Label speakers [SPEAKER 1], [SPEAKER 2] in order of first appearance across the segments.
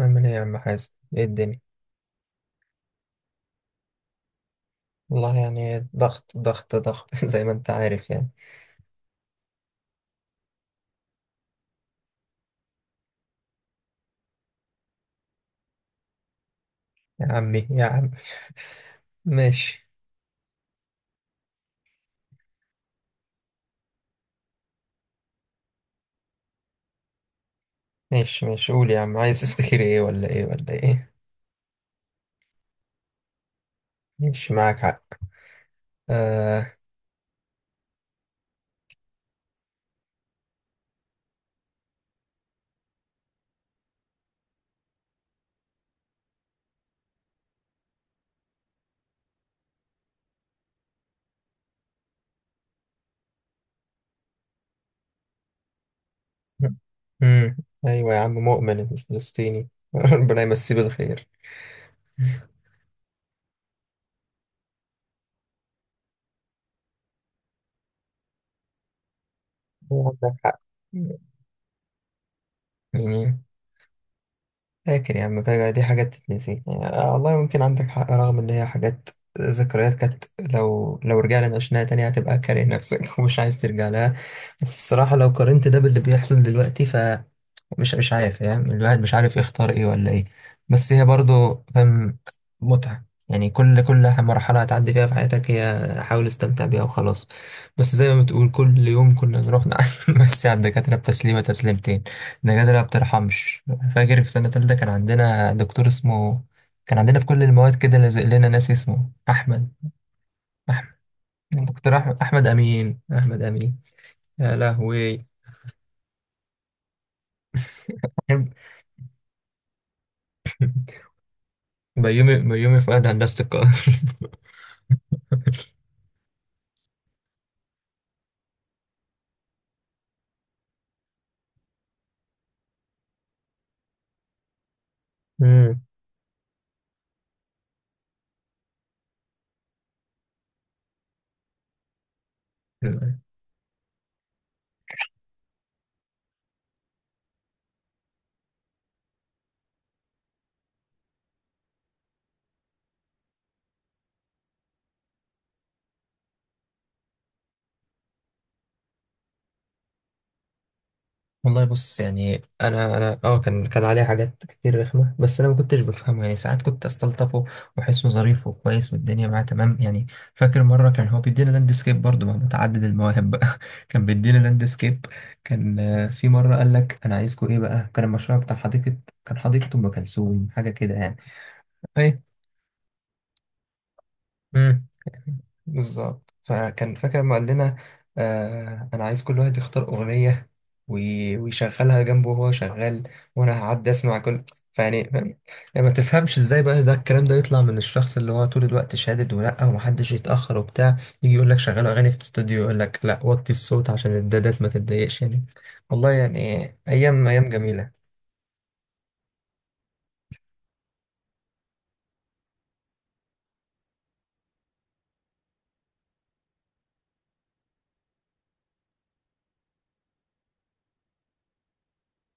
[SPEAKER 1] أعمل إيه يا عم حازم؟ إيه الدنيا؟ والله يعني ضغط ضغط ضغط زي ما أنت عارف يعني. يا عمي يا عم. ماشي ماشي ماشي. قول يا عم، عايز تفتكر إيه ولا إيه ولا إيه؟ ماشي، معاك حق. آه. أمم. أيوه يا عم مؤمن الفلسطيني ربنا يمسيه بالخير. عندك حق. يعني فاكر يا عم، فاكر دي حاجات تتنسي يعني آه والله، ممكن عندك حق رغم ان هي حاجات ذكريات كانت. لو رجعنا نعيشناها تاني هتبقى كاره نفسك ومش عايز ترجع لها. بس الصراحة لو قارنت ده باللي بيحصل دلوقتي مش عارف فاهم، الواحد مش عارف يختار ايه ولا ايه، بس هي برضو فاهم متعة. يعني كل مرحلة هتعدي فيها في حياتك، هي حاول استمتع بيها وخلاص. بس زي ما بتقول كل يوم كنا نروح نمسي على الدكاترة بتسليمة تسليمتين، الدكاترة ما بترحمش. فاكر في سنة تالتة كان عندنا دكتور اسمه، كان عندنا في كل المواد كده لازق لنا ناس اسمه أحمد. أحمد. دكتور أحمد أحمد أمين، أحمد أمين. يا لهوي. بيومي بيومي فؤاد هندسة القاهرة. م- والله بص، يعني انا اه كان عليه حاجات كتير رخمه، بس انا ما كنتش بفهمه، يعني ساعات كنت استلطفه واحسه ظريف وكويس والدنيا معاه تمام يعني. فاكر مره كان هو بيدينا لاندسكيب برضه مع متعدد المواهب بقى. كان بيدينا لاندسكيب، كان في مره قال لك انا عايزكم ايه بقى، كان المشروع بتاع حديقه، كان حديقه ام كلثوم حاجه كده يعني. مم. بالظبط، فكان فاكر ما قال لنا آه انا عايز كل واحد يختار اغنيه ويشغلها جنبه وهو شغال وانا هعدي اسمع كل. فيعني فاهم، يعني ما تفهمش ازاي بقى ده الكلام ده يطلع من الشخص اللي هو طول الوقت شادد ولا ومحدش يتاخر وبتاع، يجي يقول لك شغلوا اغاني في الاستوديو، يقول لك لا وطي الصوت عشان الدادات ما تتضايقش يعني، والله يعني. ايام ايام جميله.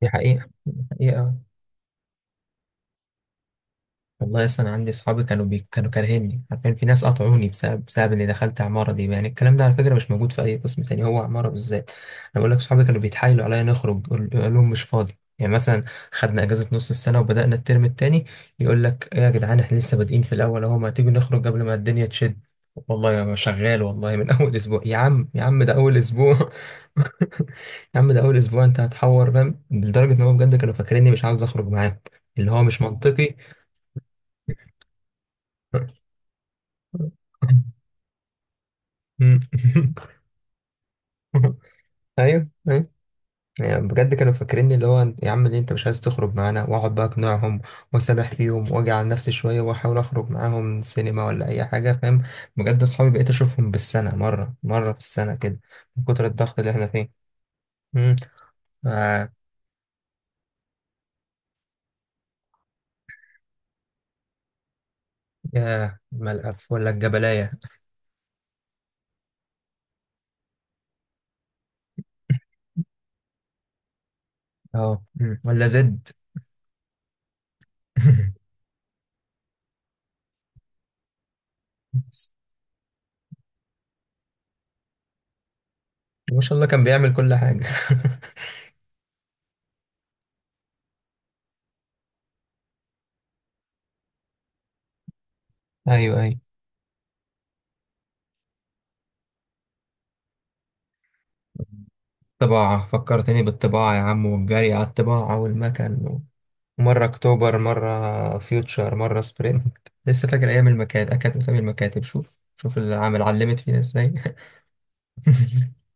[SPEAKER 1] دي حقيقه. حقيقه والله، اصلا انا عندي اصحابي كانوا كانوا كارهيني، عارفين في ناس قطعوني بسبب اني دخلت عماره دي، يعني الكلام ده على فكره مش موجود في اي قسم تاني، هو عماره بالذات. انا بقول لك اصحابي كانوا بيتحايلوا عليا نخرج، قول قول لهم مش فاضي. يعني مثلا خدنا اجازه نص السنه وبدانا الترم التاني، يقول لك ايه يا جدعان، احنا لسه بادئين في الاول اهو، ما تيجوا نخرج قبل ما الدنيا تشد؟ والله انا شغال والله من اول اسبوع. يا عم يا عم ده اول اسبوع. يا عم ده اول اسبوع، انت هتحور فاهم لدرجه ان هو بجد كانوا فاكريني مش عاوز اخرج معاهم، اللي هو مش منطقي. مم. ايوه ايوه، يعني بجد كانوا فاكريني اللي هو يا عم ليه انت مش عايز تخرج معانا، واقعد بقى اقنعهم واسامح فيهم واجي على نفسي شويه واحاول اخرج معاهم سينما ولا اي حاجه فاهم. بجد اصحابي بقيت اشوفهم بالسنه مره مره في السنه كده من كتر الضغط اللي احنا فيه. امم. آه. يا ملقف ولا الجبلايه؟ اه مم. ولا زد. ما شاء الله كان بيعمل كل حاجه. ايوه ايوه، طباعة فكرتني بالطباعة يا عم، والجري على الطباعة والمكن، مرة أكتوبر مرة فيوتشر مرة سبرينت لسه فاكر أيام المكاتب، كانت أسامي المكاتب، شوف شوف العمل علمت فينا إزاي.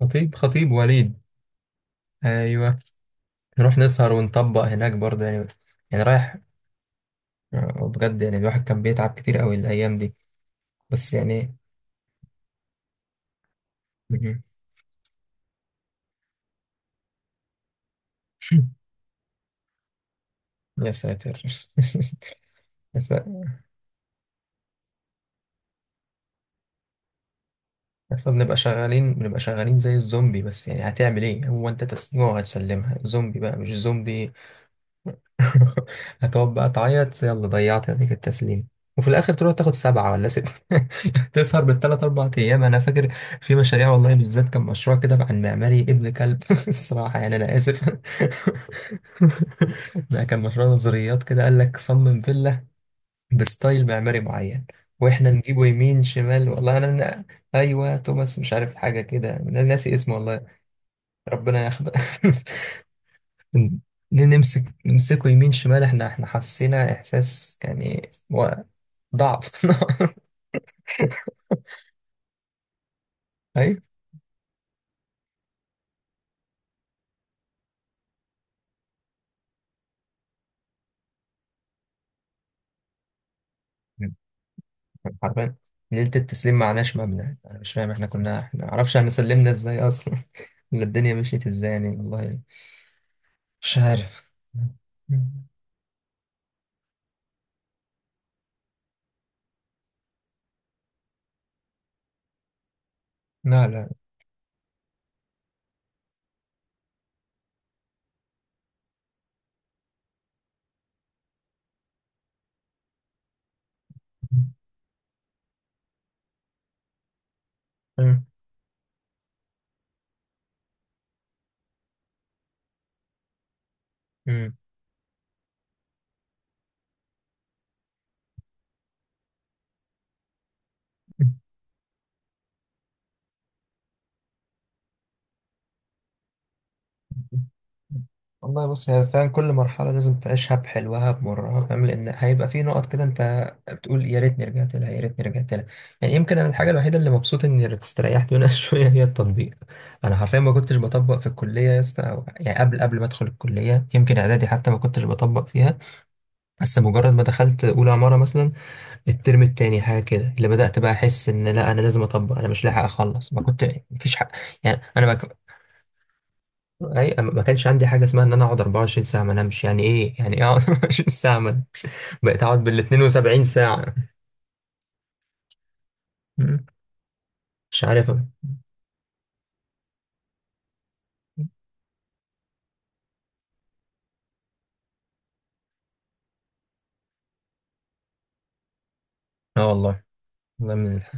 [SPEAKER 1] خطيب خطيب وليد، أيوه. نروح نسهر ونطبق هناك برضه يعني، يعني رايح، آه، بجد يعني الواحد كان بيتعب كتير أوي الأيام دي بس يعني. يا ساتر. اصلا بنبقى شغالين زي الزومبي، بس يعني هتعمل ايه، هو انت تسليمه وهتسلمها زومبي بقى مش زومبي؟ هتقعد بقى تعيط، يلا ضيعت هديك التسليم وفي الاخر تروح تاخد سبعة ولا ستة. تسهر بالثلاث اربع ايام، انا فاكر في مشاريع والله بالذات كان مشروع كده عن معماري ابن كلب الصراحة يعني انا اسف. ده كان مشروع نظريات كده قال لك صمم فيلا بستايل معماري معين، واحنا نجيبه يمين شمال والله انا. ايوه توماس مش عارف حاجه كده، انا ناسي اسمه والله. ربنا يحفظه. ن- نمسكه يمين شمال، احنا حسينا احساس يعني ضعف. ايوه حرفيا، ليله التسليم معناش مبنى، انا مش فاهم احنا كنا، احنا ما اعرفش احنا سلمنا ازاي اصلا. ولا الدنيا مشيت ازاي يعني والله، مش عارف. لا لا. مم. مم. والله بص هي فعلا كل مرحلة لازم تعيشها بحلوها بمرها فاهم، لأن هيبقى في نقط كده أنت بتقول يا ريتني رجعت لها يا ريتني رجعت لها. يعني يمكن أنا الحاجة الوحيدة اللي مبسوط إني استريحت منها شوية هي التطبيق، أنا حرفيا ما كنتش بطبق في الكلية يا اسطى يعني قبل ما أدخل الكلية، يمكن إعدادي حتى ما كنتش بطبق فيها. بس مجرد ما دخلت أولى عمارة مثلا الترم التاني حاجة كده اللي بدأت بقى أحس إن لا أنا لازم أطبق، أنا مش لاحق أخلص ما كنت. مفيش حق، يعني أنا اي ما كانش عندي حاجه اسمها ان انا اقعد 24 ساعه ما انامش، يعني ايه يعني ايه اقعد 24 ساعه ما أنام؟ بقيت اقعد بال 72 ساعه. مم. مش عارف. اه والله ده من الح...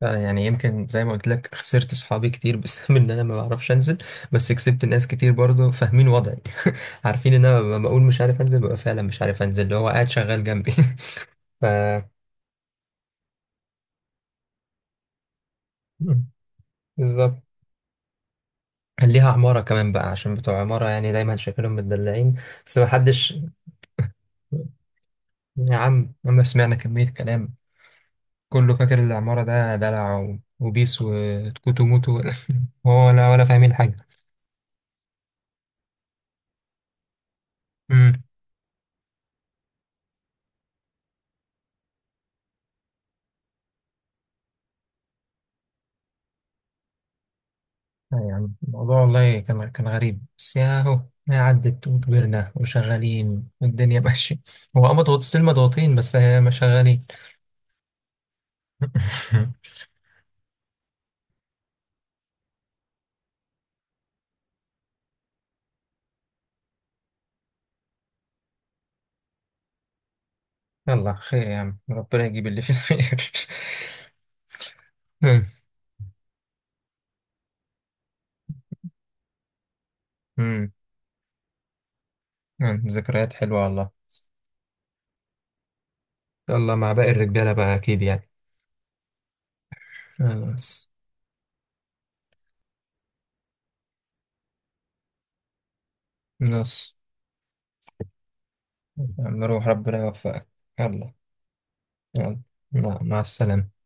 [SPEAKER 1] فعلا يعني يمكن زي ما قلت لك خسرت صحابي كتير بسبب ان انا ما بعرفش انزل، بس كسبت ناس كتير برضه فاهمين وضعي. عارفين ان انا لما بقول مش عارف انزل ببقى فعلا مش عارف انزل، اللي هو قاعد شغال جنبي. ف مم. بالظبط. كان ليها عمارة كمان بقى عشان بتوع عمارة يعني دايما شايفينهم متدلعين، بس ما حدش، يا عم لما سمعنا كمية كلام، كله فاكر العمارة ده دلع وبيس وتكوتو موتو هو ولا ولا فاهمين حاجة. امم. يا عم الموضوع والله كان كان غريب بس يا هو، يا عدت وكبرنا وشغالين والدنيا ماشية، هو اه مضغوط ستيل مضغوطين بس هي ما شغالين. يلا خير يا عم ربنا يجيب اللي فيه الخير. أمم، أمم، أمم، ذكريات حلوة والله. يلا مع باقي الرجالة بقى أكيد يعني. خلاص. خلاص نروح ربنا يوفقك. يلا. يلا مع السلامة.